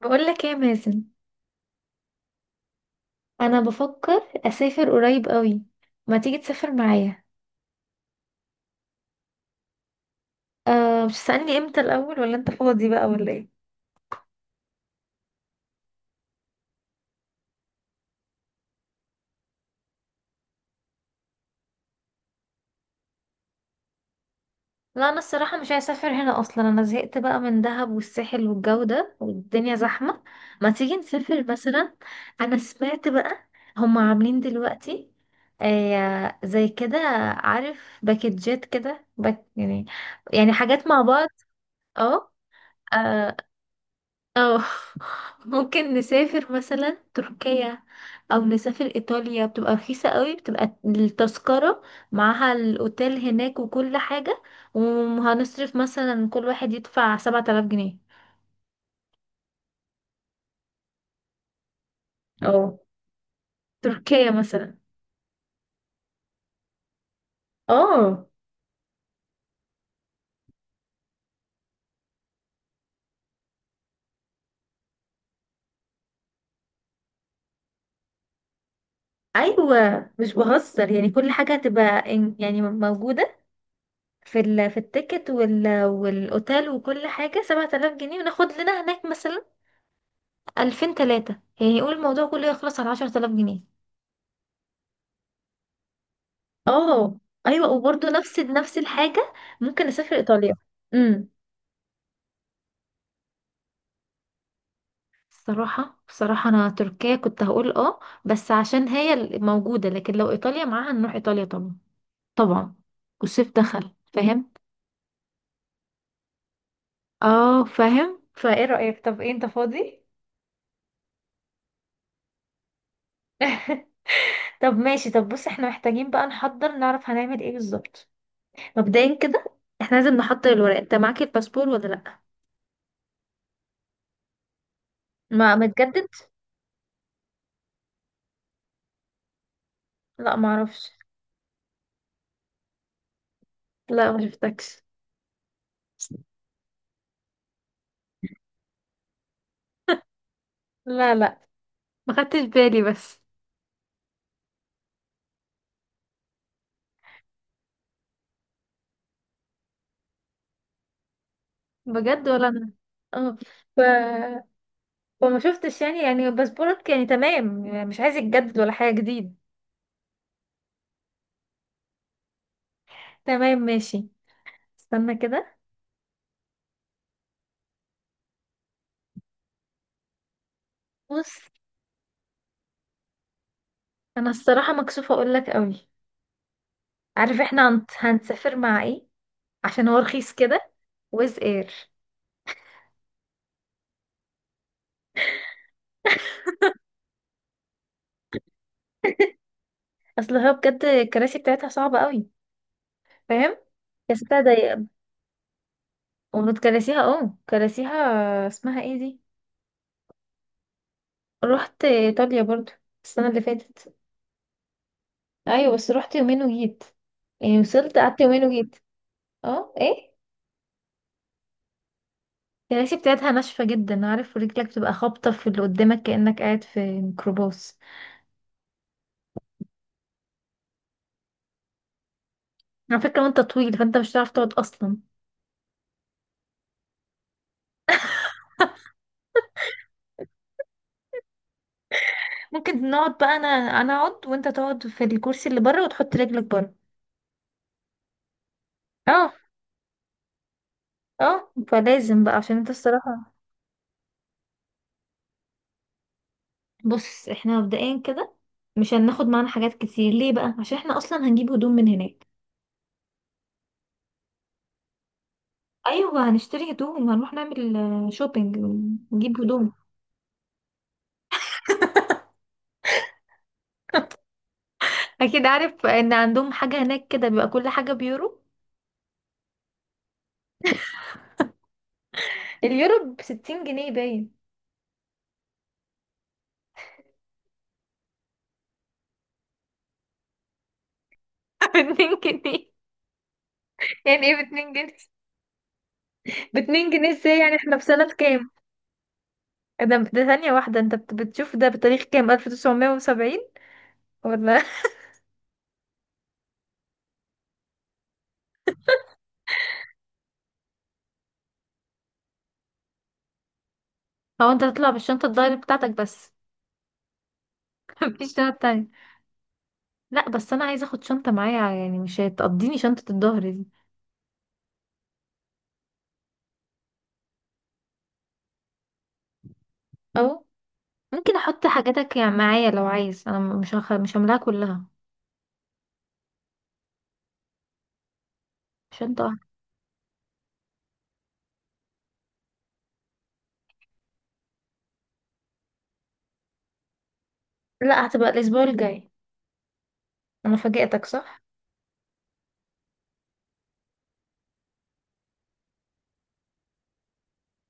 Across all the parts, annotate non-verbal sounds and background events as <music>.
بقول لك ايه يا مازن؟ انا بفكر اسافر قريب قوي. ما تيجي تسافر معايا؟ أه، مش تسألني امتى الاول ولا انت فاضي بقى ولا ايه؟ لا، انا الصراحه مش عايزه اسافر هنا اصلا، انا زهقت بقى من دهب والساحل والجو ده والدنيا زحمه. ما تيجي نسافر <laughs> مثلا. انا سمعت بقى هم عاملين دلوقتي آه زي كده، عارف باكجات كده، باك يعني، يعني حاجات مع بعض. اه. آه، اه. <laughs> ممكن نسافر مثلا تركيا او نسافر ايطاليا، بتبقى رخيصة قوي، بتبقى التذكرة معاها الاوتيل هناك وكل حاجة، وهنصرف مثلا كل واحد يدفع سبعة آلاف جنيه. اه، تركيا مثلا. اه، ايوه، مش بهزر يعني، كل حاجة هتبقى موجودة في ال في التيكت وال والاوتيل وكل حاجة سبعة آلاف جنيه، وناخد لنا هناك مثلا ألفين تلاتة، يعني يقول الموضوع كله يخلص على عشرة آلاف جنيه. اه. ايوه، وبرضه نفس الحاجه، ممكن اسافر ايطاليا. امم بصراحه، بصراحه انا تركيا كنت هقول اه بس عشان هي اللي موجوده، لكن لو ايطاليا معاها نروح ايطاليا طبعا، طبعا. والصيف دخل فاهم؟ اه فاهم، فايه رايك؟ طب ايه انت فاضي؟ <laughs> طب ماشي، طب بص، احنا محتاجين بقى نحضر، نعرف هنعمل ايه بالظبط. مبدئيا كده احنا لازم نحضر الورق. انت معاك الباسبور ولا لا؟ ما متجدد؟ لا معرفش. لا ما شفتكش. لا لا، ما خدتش بالي بس. بجد، ولا انا. اه. ف... فما شفتش يعني، يعني باسبورك يعني تمام، يعني مش عايز يتجدد ولا حاجه جديد؟ تمام ماشي. استنى كده. بص، انا الصراحه مكسوفه اقول لك قوي. عارف احنا هنسافر مع ايه؟ عشان هو رخيص كده. ويز اير. اصل هو بجد الكراسي بتاعتها صعبه قوي، فاهم؟ يا ستة ضيقة، ومن كراسيها، اه كراسيها، اسمها ايه دي. رحت ايطاليا برضو السنه اللي فاتت. ايوه بس رحت يومين وجيت، يعني وصلت قعدت يومين وجيت. اه ايه؟ الكراسي بتاعتها ناشفة جدا، عارف رجلك بتبقى خابطة في اللي قدامك كأنك قاعد في ميكروباص. على فكرة، وانت طويل فانت مش هتعرف تقعد اصلا. ممكن نقعد بقى، انا اقعد وانت تقعد في الكرسي اللي بره وتحط رجلك بره. اه. اه، فلازم بقى عشان انت الصراحة. بص احنا مبدئيا كده مش هناخد معانا حاجات كتير. ليه بقى؟ عشان احنا اصلا هنجيب هدوم من هناك. ايوه، هنشتري هدوم وهنروح نعمل شوبينج ونجيب هدوم. اكيد، عارف ان عندهم حاجة هناك كده بيبقى كل حاجة بيورو. اليورو بستين جنيه باين. <laughs> باتنين جنيه؟ يعني ايه باتنين جنيه؟ باتنين جنيه ازاي؟ يعني احنا في سنة كام؟ ده ثانية واحدة، انت بتشوف ده بتاريخ كام، 1970 ولا؟ <laughs> هو انت هتطلع بالشنطة الدايري بتاعتك بس؟ <laughs> مفيش شنطة تانية؟ لا بس انا عايزة اخد شنطة معايا يعني، مش هتقضيني شنطة الظهر دي. او ممكن احط حاجاتك يعني معايا لو عايز، انا مش هملاها كلها. شنطة واحدة. لا هتبقى الاسبوع الجاي. انا فاجئتك صح؟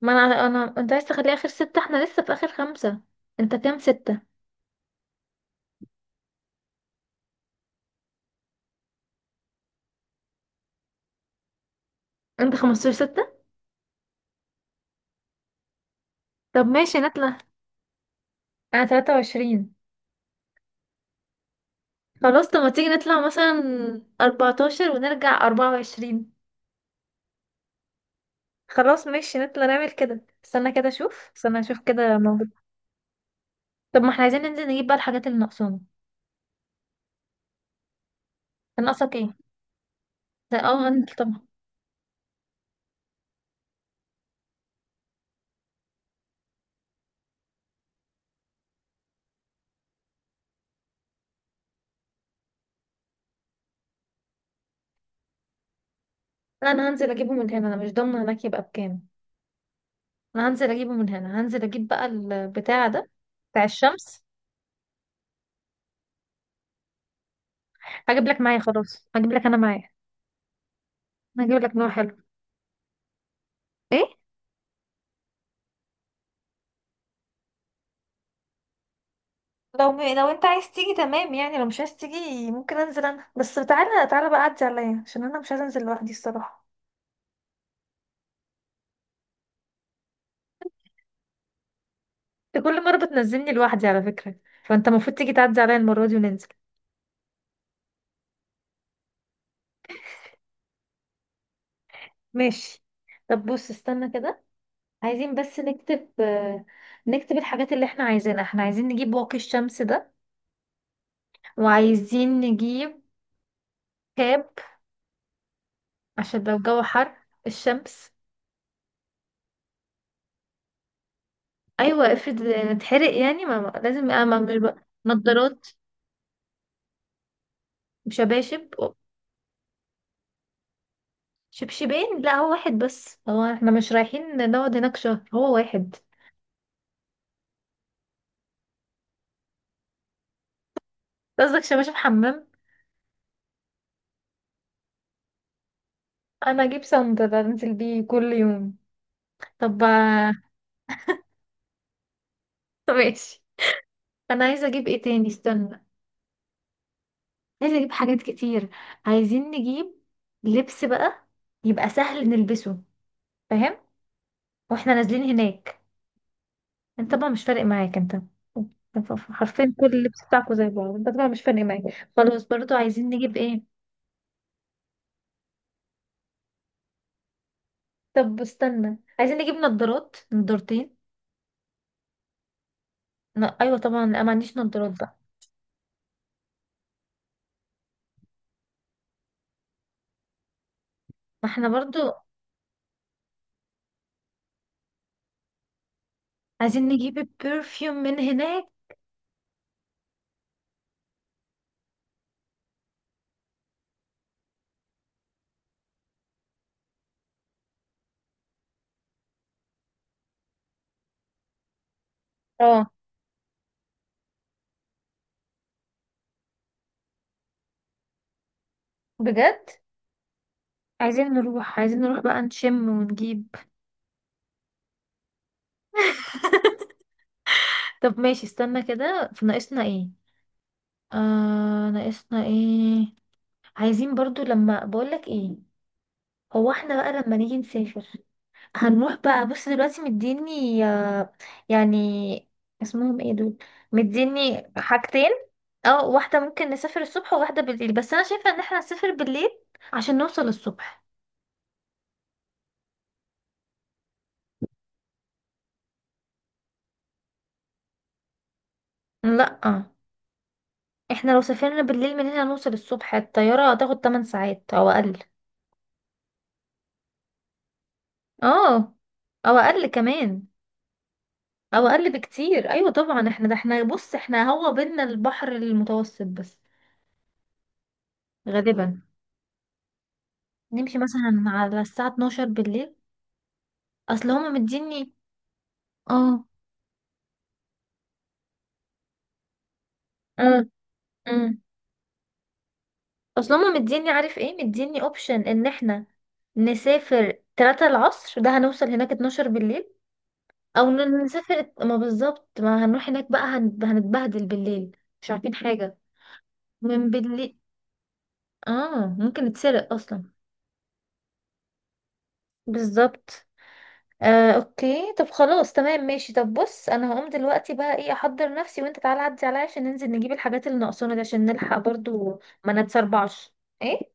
ما انا، انت عايز تخليه اخر ستة، احنا لسه في اخر خمسة. انت كام ستة؟ انت خمستاشر ستة؟ طب ماشي نطلع. انا تلاتة وعشرين. خلاص، طب ما تيجي نطلع مثلا اربعتاشر ونرجع اربعة وعشرين. خلاص ماشي، نطلع نعمل كده. استنى كده اشوف، استنى اشوف كده موجود. طب ما احنا عايزين ننزل نجيب بقى الحاجات اللي ناقصانا. كان ناقصك ايه؟ ده اه هنزل طبعا. لا انا هنزل اجيبه من هنا، انا مش ضامنه هناك يبقى بكام. انا هنزل اجيبه من هنا، هنزل اجيب بقى البتاع ده، بتاع الشمس. هجيب لك معايا، خلاص هجيب لك انا معايا. انا هجيب لك نوع حلو. ايه؟ لو انت عايز تيجي تمام يعني، لو مش عايز تيجي ممكن انزل انا بس. تعالى، تعالى بقى عدي عليا عشان انا مش عايزه انزل لوحدي الصراحه. انت كل مره بتنزلني لوحدي على فكره، فانت المفروض تيجي تعدي عليا المره دي وننزل. ماشي. طب بص، استنى كده، عايزين بس نكتب نكتب الحاجات اللي احنا عايزينها. احنا عايزين نجيب واقي الشمس ده، وعايزين نجيب كاب عشان لو الجو حر، الشمس. ايوه، افرض نتحرق يعني، لازم اعمل بقى نضارات. شباشب، شبشبين. لا هو واحد بس، هو احنا مش رايحين نقعد هناك شهر، هو واحد. قصدك شباشب حمام؟ انا اجيب صندل انزل بيه كل يوم. طب. <laughs> طب ماشي، انا عايزه اجيب ايه تاني؟ استنى، عايزه اجيب حاجات كتير. عايزين نجيب لبس بقى يبقى سهل نلبسه، فاهم؟ واحنا نازلين هناك انت طبعا مش فارق معاك انت، حرفيا كل اللبس بتاعكوا زي بعض، انت طبعا مش فارق معاك. خلاص، برضو عايزين نجيب ايه؟ طب استنى، عايزين نجيب نضارات، نضارتين. لا ايوه طبعا، لا ما عنديش نضارات بقى. ما احنا برضو عايزين نجيب برفيوم من هناك. اه. بجد؟ عايزين نروح، عايزين نروح بقى نشم ونجيب. طب ماشي، استنى كده، في ناقصنا ايه؟ آه ناقصنا ايه؟ عايزين برضو لما بقولك ايه. هو احنا بقى لما نيجي نسافر هنروح بقى، بص دلوقتي مديني يعني اسمهم ايه دول، مديني حاجتين. اه، واحدة ممكن نسافر الصبح وواحدة بالليل، بس انا شايفة ان احنا نسافر بالليل عشان نوصل الصبح. لا اه، احنا لو سافرنا بالليل من هنا نوصل الصبح، الطيارة هتاخد 8 ساعات او اقل. اه، او اقل كمان، او اقل بكتير. ايوه طبعا احنا، ده احنا بص احنا هو بينا البحر المتوسط بس، غالبا. نمشي مثلا على الساعة 12 بالليل. اصل هما مديني. اه. اه. آه. اصل هما مديني، عارف ايه مديني؟ اوبشن ان احنا نسافر 3 العصر، ده هنوصل هناك 12 بالليل. او نسافر، ما بالظبط، ما هنروح هناك بقى هنتبهدل بالليل، مش عارفين حاجة من بالليل. اه، ممكن نتسرق اصلا. بالظبط. آه اوكي، طب خلاص تمام ماشي. طب بص انا هقوم دلوقتي بقى، ايه، احضر نفسي، وانت تعالى عدي عليا عشان ننزل نجيب الحاجات اللي ناقصانا دي عشان نلحق برضو، ما نتسربعش. ايه؟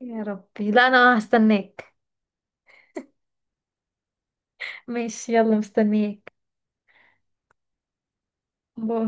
يا ربي، لا انا هستناك. ماشي يلا مستنياك. باي.